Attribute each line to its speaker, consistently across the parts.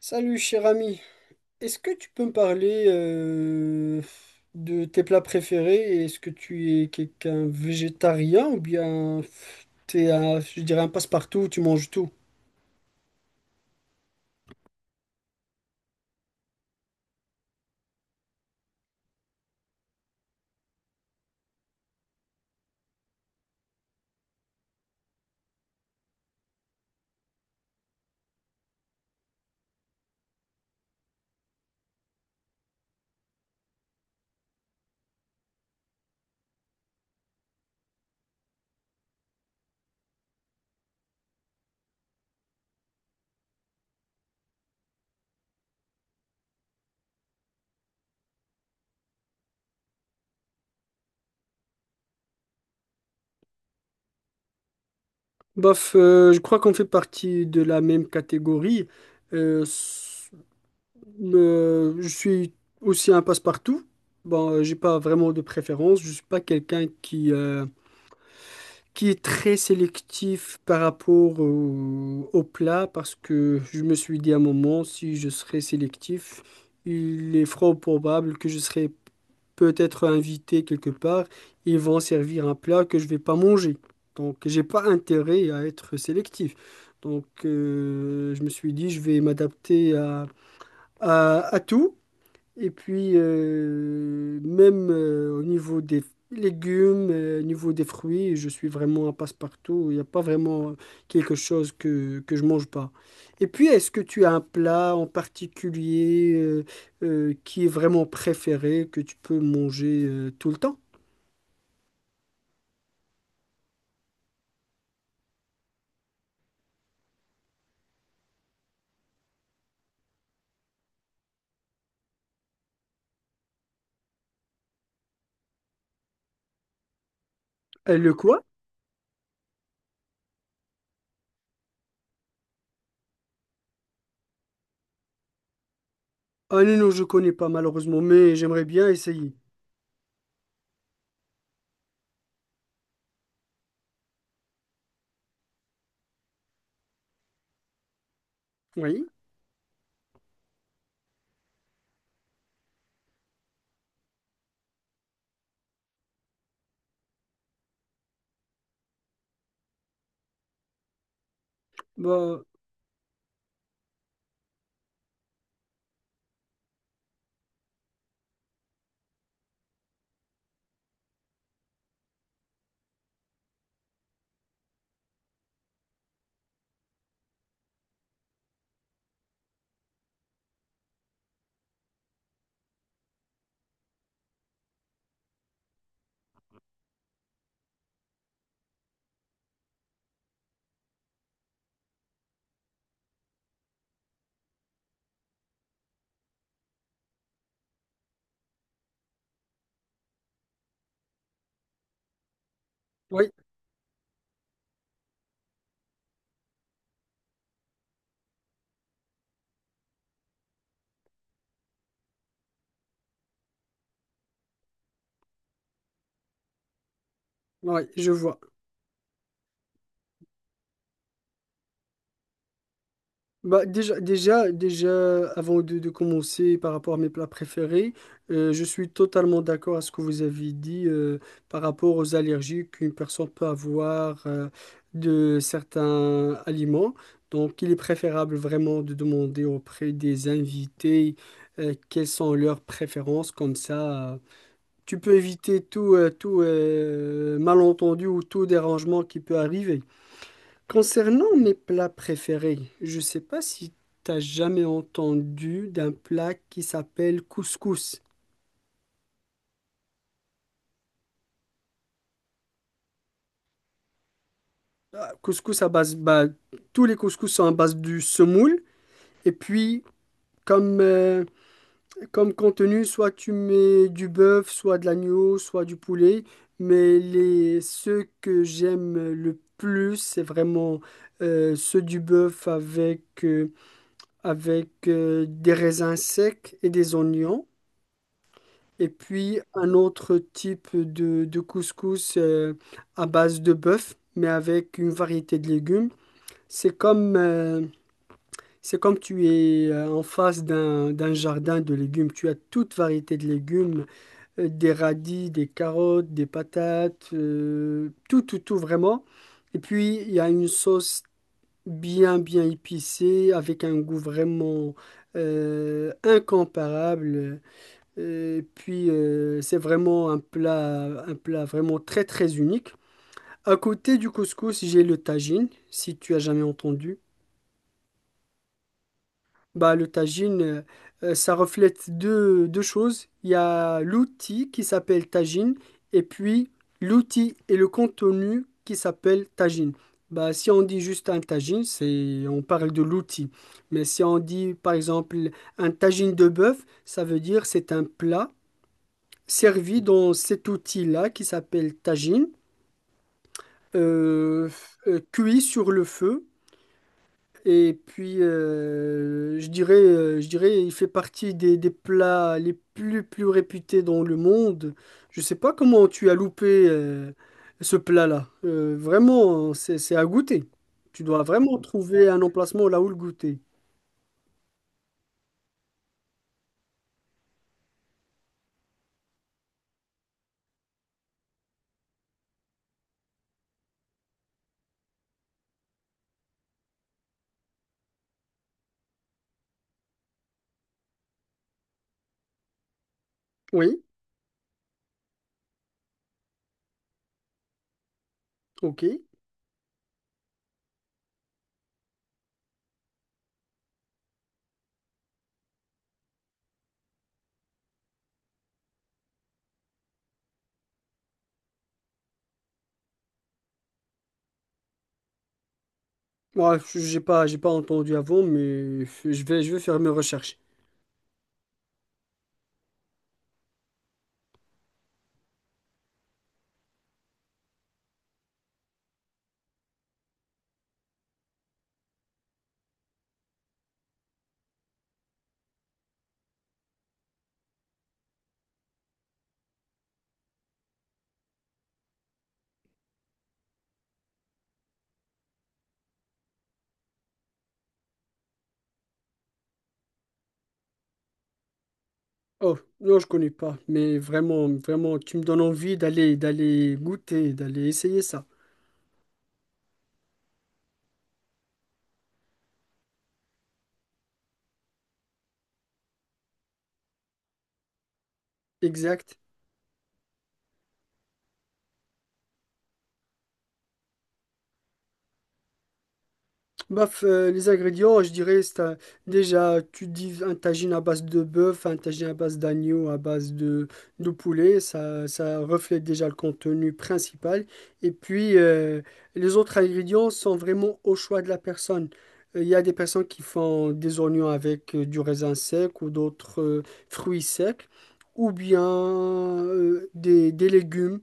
Speaker 1: Salut cher ami, est-ce que tu peux me parler de tes plats préférés? Est-ce que tu es quelqu'un végétarien ou bien t'es un, je dirais un passe-partout, tu manges tout? Bof, je crois qu'on fait partie de la même catégorie. Euh, s- je suis aussi un passe-partout. Bon, j'ai pas vraiment de préférence. Je suis pas quelqu'un qui est très sélectif par rapport au plat parce que je me suis dit à un moment, si je serais sélectif, il est fort probable que je serais peut-être invité quelque part. Ils vont servir un plat que je vais pas manger. Donc, j'ai pas intérêt à être sélectif. Donc, je me suis dit, je vais m'adapter à, à tout. Et puis, même au niveau des légumes, au niveau des fruits, je suis vraiment un passe-partout. Il n'y a pas vraiment quelque chose que je mange pas. Et puis, est-ce que tu as un plat en particulier qui est vraiment préféré, que tu peux manger tout le temps? Le quoi? Ah non, non, je connais pas malheureusement, mais j'aimerais bien essayer. Oui, bah, oui, oui, je vois. Bah, déjà, avant de commencer par rapport à mes plats préférés, je suis totalement d'accord à ce que vous avez dit par rapport aux allergies qu'une personne peut avoir de certains aliments. Donc, il est préférable vraiment de demander auprès des invités quelles sont leurs préférences. Comme ça, tu peux éviter tout, tout malentendu ou tout dérangement qui peut arriver. Concernant mes plats préférés, je ne sais pas si tu as jamais entendu d'un plat qui s'appelle couscous. Ah, Couscous à base, bah, tous les couscous sont à base du semoule. Et puis, comme, euh, comme contenu, soit tu mets du bœuf, soit de l'agneau, soit du poulet. Mais les, ceux que j'aime le plus, c'est vraiment ceux du bœuf avec des raisins secs et des oignons. Et puis un autre type de couscous à base de bœuf, mais avec une variété de légumes. C'est c'est comme tu es en face d'un, d'un jardin de légumes. Tu as toute variété de légumes, des radis, des carottes, des patates, tout, tout, tout vraiment. Et puis il y a une sauce bien, bien épicée, avec un goût vraiment incomparable. Et puis, c'est vraiment un plat vraiment très, très unique. À côté du couscous, j'ai le tagine, si tu as jamais entendu. Bah, le tagine, ça reflète deux, deux choses. Il y a l'outil qui s'appelle tagine et puis l'outil et le contenu qui s'appelle tagine. Bah, si on dit juste un tagine, c'est, on parle de l'outil. Mais si on dit, par exemple, un tagine de bœuf, ça veut dire c'est un plat servi dans cet outil-là qui s'appelle tagine, euh, cuit sur le feu. Et puis, je dirais, il fait partie des plats les plus, plus réputés dans le monde. Je sais pas comment tu as loupé ce plat-là. Vraiment, c'est à goûter. Tu dois vraiment trouver un emplacement là où le goûter. Oui, ok. Moi, j'ai pas entendu avant, mais je vais faire mes recherches. Oh, non, je connais pas, mais vraiment, vraiment, tu me donnes envie d'aller, d'aller goûter, d'aller essayer ça. Exact. Baf, les ingrédients, je dirais, déjà, tu dis un tagine à base de bœuf, un tagine à base d'agneau, à base de poulet, ça reflète déjà le contenu principal. Et puis, les autres ingrédients sont vraiment au choix de la personne. Il y a des personnes qui font des oignons avec du raisin sec ou d'autres fruits secs, ou bien euh, des, des légumes,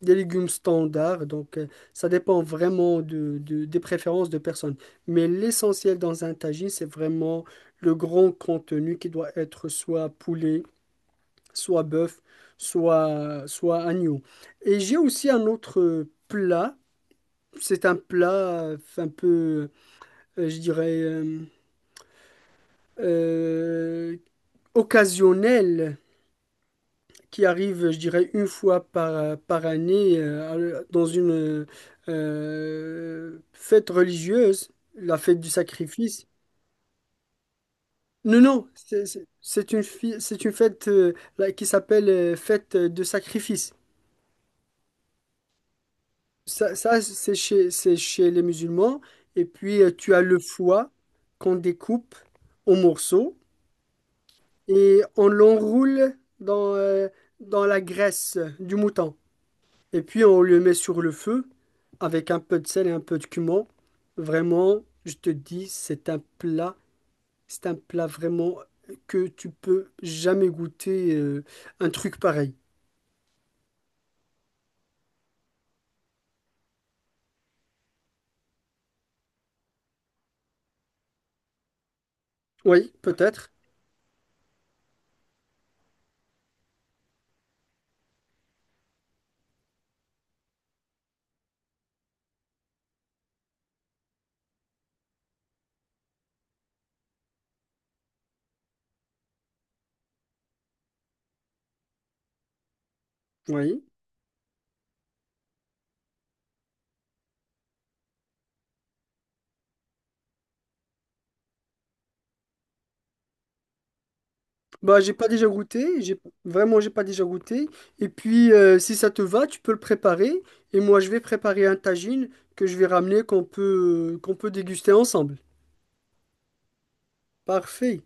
Speaker 1: des légumes standards. Donc, ça dépend vraiment de, des préférences de personnes. Mais l'essentiel dans un tagine, c'est vraiment le grand contenu qui doit être soit poulet, soit bœuf, soit agneau. Et j'ai aussi un autre plat. C'est un plat un peu, je dirais, euh, occasionnel qui arrive, je dirais, une fois par, par année dans une fête religieuse, la fête du sacrifice. Non, non, c'est une, c'est une fête là, qui s'appelle fête de sacrifice. Ça, c'est c'est chez les musulmans. Et puis, tu as le foie qu'on découpe en morceaux et on l'enroule dans, dans la graisse du mouton. Et puis, on le met sur le feu avec un peu de sel et un peu de cumin. Vraiment, je te dis, c'est un plat vraiment que tu peux jamais goûter un truc pareil. Oui, peut-être. Oui. Bah, j'ai pas déjà goûté. J'ai vraiment, j'ai pas déjà goûté. Et puis, si ça te va, tu peux le préparer. Et moi, je vais préparer un tagine que je vais ramener qu'on peut déguster ensemble. Parfait.